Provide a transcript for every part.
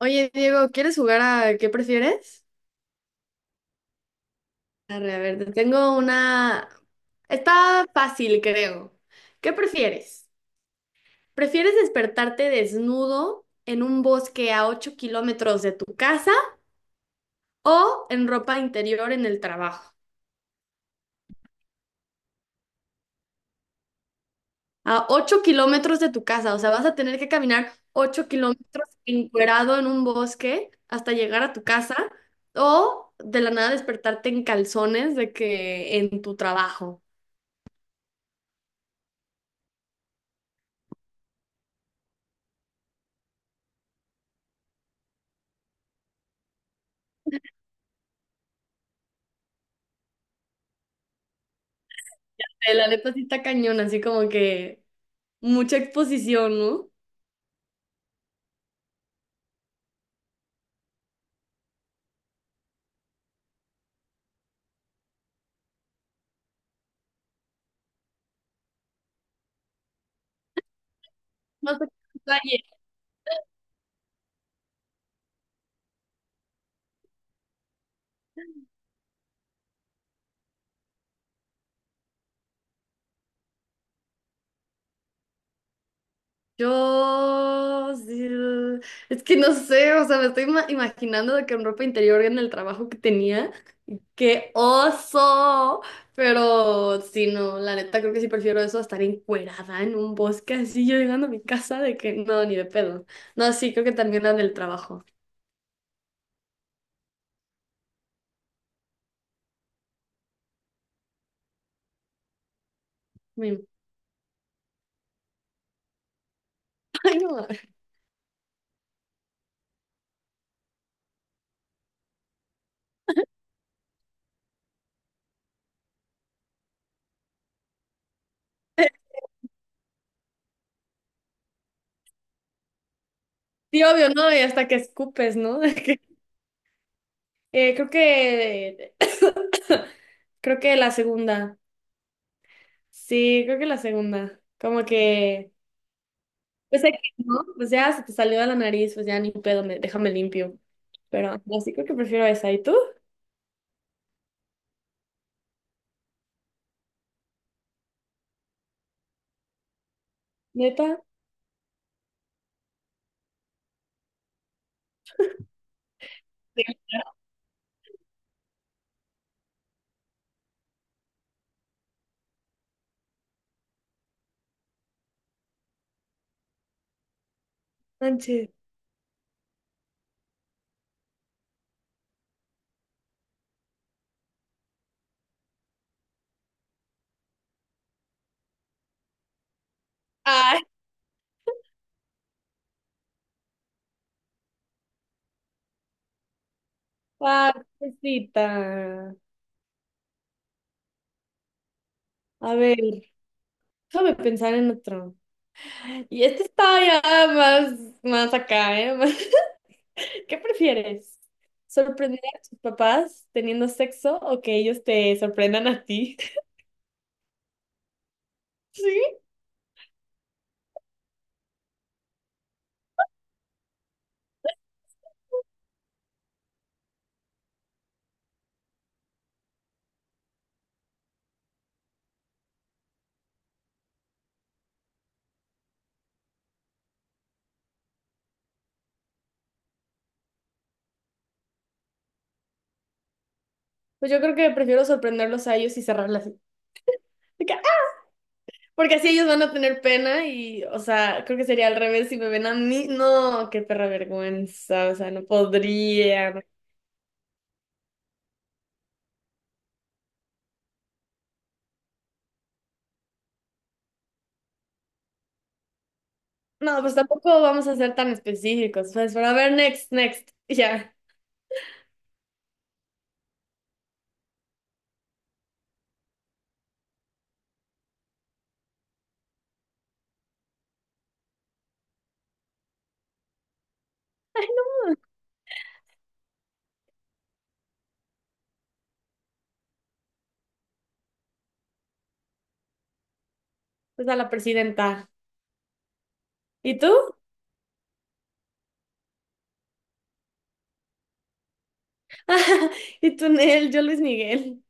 Oye, Diego, ¿quieres jugar a qué prefieres? Arre, a ver, te tengo una. Está fácil, creo. ¿Qué prefieres? ¿Prefieres despertarte desnudo en un bosque a 8 kilómetros de tu casa o en ropa interior en el trabajo? A 8 kilómetros de tu casa, o sea, vas a tener que caminar 8 kilómetros encuerado en un bosque hasta llegar a tu casa o de la nada despertarte en calzones de que en tu trabajo. La neta sí está cañón, así como que mucha exposición, ¿no? No sé qué detalle. Yo, sí, es que no sé, o sea, me estoy imaginando de que en ropa interior en el trabajo que tenía, qué oso, pero sí, no, la neta creo que sí prefiero eso a estar encuerada en un bosque así yo llegando a mi casa de que no, ni de pedo. No, sí, creo que también la del trabajo. Mm. Ay, no. Sí, obvio, ¿no? Y hasta que escupes, ¿no? De que, creo que Creo que la segunda. Sí, creo que la segunda. Como que, pues aquí, ¿no? Pues ya se te salió de la nariz, pues ya ni pedo, déjame limpio. Pero no, sí creo que prefiero esa. ¿Y tú? ¿Neta? Sí. Manches. Ay, ah, pobrecita. A ver, déjame pensar en otro. Y este está ya más, más acá, ¿eh? ¿Qué prefieres? ¿Sorprender a tus papás teniendo sexo o que ellos te sorprendan a ti? Sí. Pues yo creo que prefiero sorprenderlos a ellos y cerrarla así. De que, ¡ah! Porque así ellos van a tener pena y, o sea, creo que sería al revés si me ven a mí. No, qué perra vergüenza, o sea, no podría. No, pues tampoco vamos a ser tan específicos. Pues, pero a ver, next, next. Y ya, pues a la presidenta. ¿Y tú? ¿Y tú, Nel? Yo, Luis Miguel.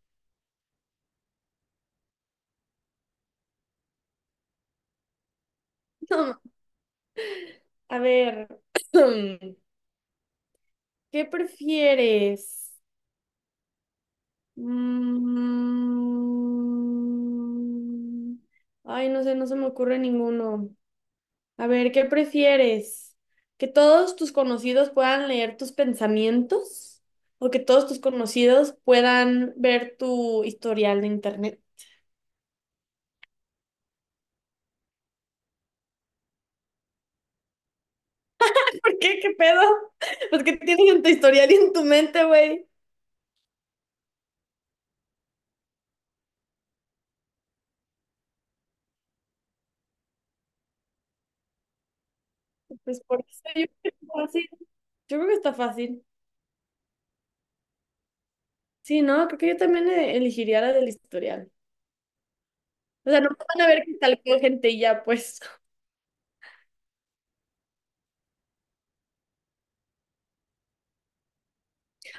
No, a ver, ¿qué prefieres? Mm. Ay, no sé, no se me ocurre ninguno. A ver, ¿qué prefieres? ¿Que todos tus conocidos puedan leer tus pensamientos? ¿O que todos tus conocidos puedan ver tu historial de internet? ¿Por qué? ¿Qué pedo? Pues qué tienes en tu historial y en tu mente, güey. Pues por eso yo creo que está fácil. Yo creo que está fácil. Sí, no, creo que yo también elegiría la del historial. O sea, no van a ver que tal gente y ya, pues.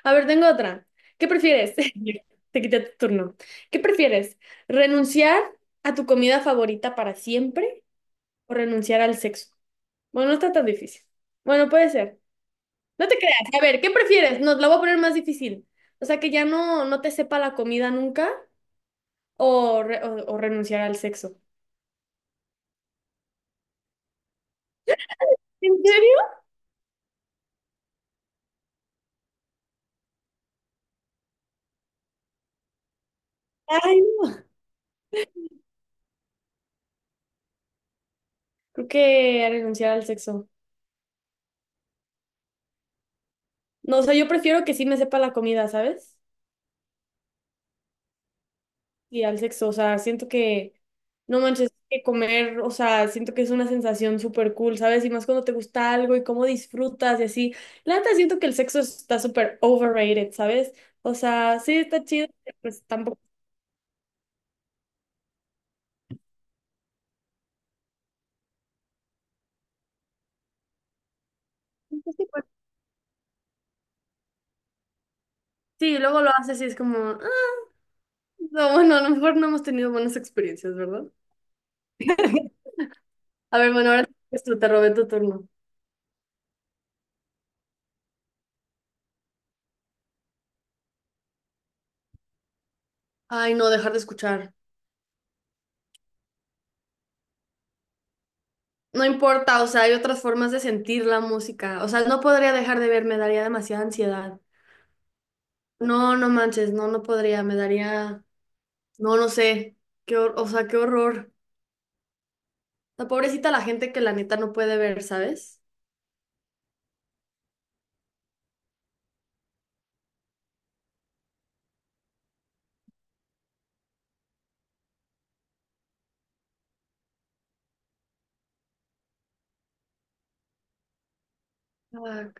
A ver, tengo otra. ¿Qué prefieres? Te quité tu turno. ¿Qué prefieres? ¿Renunciar a tu comida favorita para siempre o renunciar al sexo? Bueno, no está tan difícil. Bueno, puede ser. No te creas. A ver, ¿qué prefieres? Nos la voy a poner más difícil. O sea, que ya no, no te sepa la comida nunca o, o renunciar al sexo. ¿En serio? Ay, no. Creo que renunciar al sexo. No, o sea, yo prefiero que sí me sepa la comida, ¿sabes? Y al sexo. O sea, siento que, no manches, que comer, o sea, siento que es una sensación súper cool, ¿sabes? Y más cuando te gusta algo y cómo disfrutas y así. La neta, siento que el sexo está súper overrated, ¿sabes? O sea, sí está chido, pero pues tampoco. Sí, luego lo haces y es como, ah, no, bueno, a lo mejor no hemos tenido buenas experiencias, ¿verdad? A ver, bueno, ahora es te robé tu turno. Ay, no, dejar de escuchar. No importa, o sea, hay otras formas de sentir la música. O sea, no podría dejar de ver, me daría demasiada ansiedad. No, no manches, no, no podría, me daría, no, no sé, qué o sea, qué horror. La pobrecita la gente que la neta no puede ver, ¿sabes? Ah,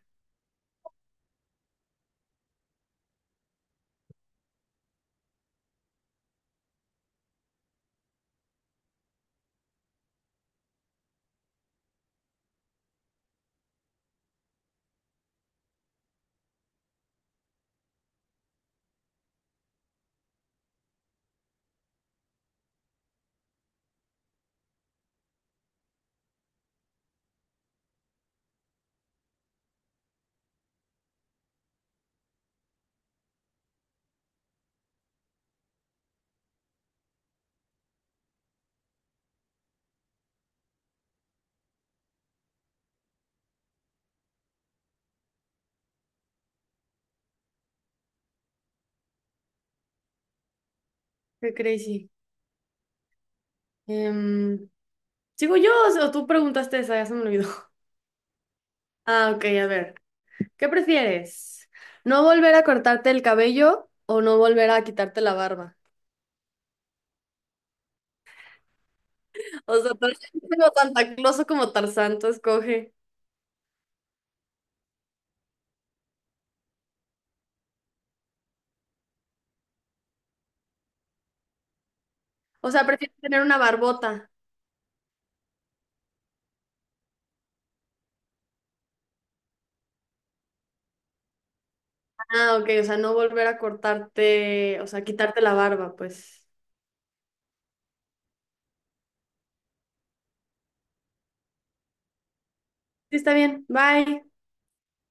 qué crazy. Em, ¿Sigo yo o sea, tú preguntaste esa? Ya se me olvidó. Ah, ok, a ver. ¿Qué prefieres? ¿No volver a cortarte el cabello o no volver a quitarte la barba? O sea, tú eres como Santa Claus o como Tarzán, tú escoge. O sea, prefieres tener una barbota. Ah, ok, o sea, no volver a cortarte, o sea, quitarte la barba, pues. Sí, está bien. Bye.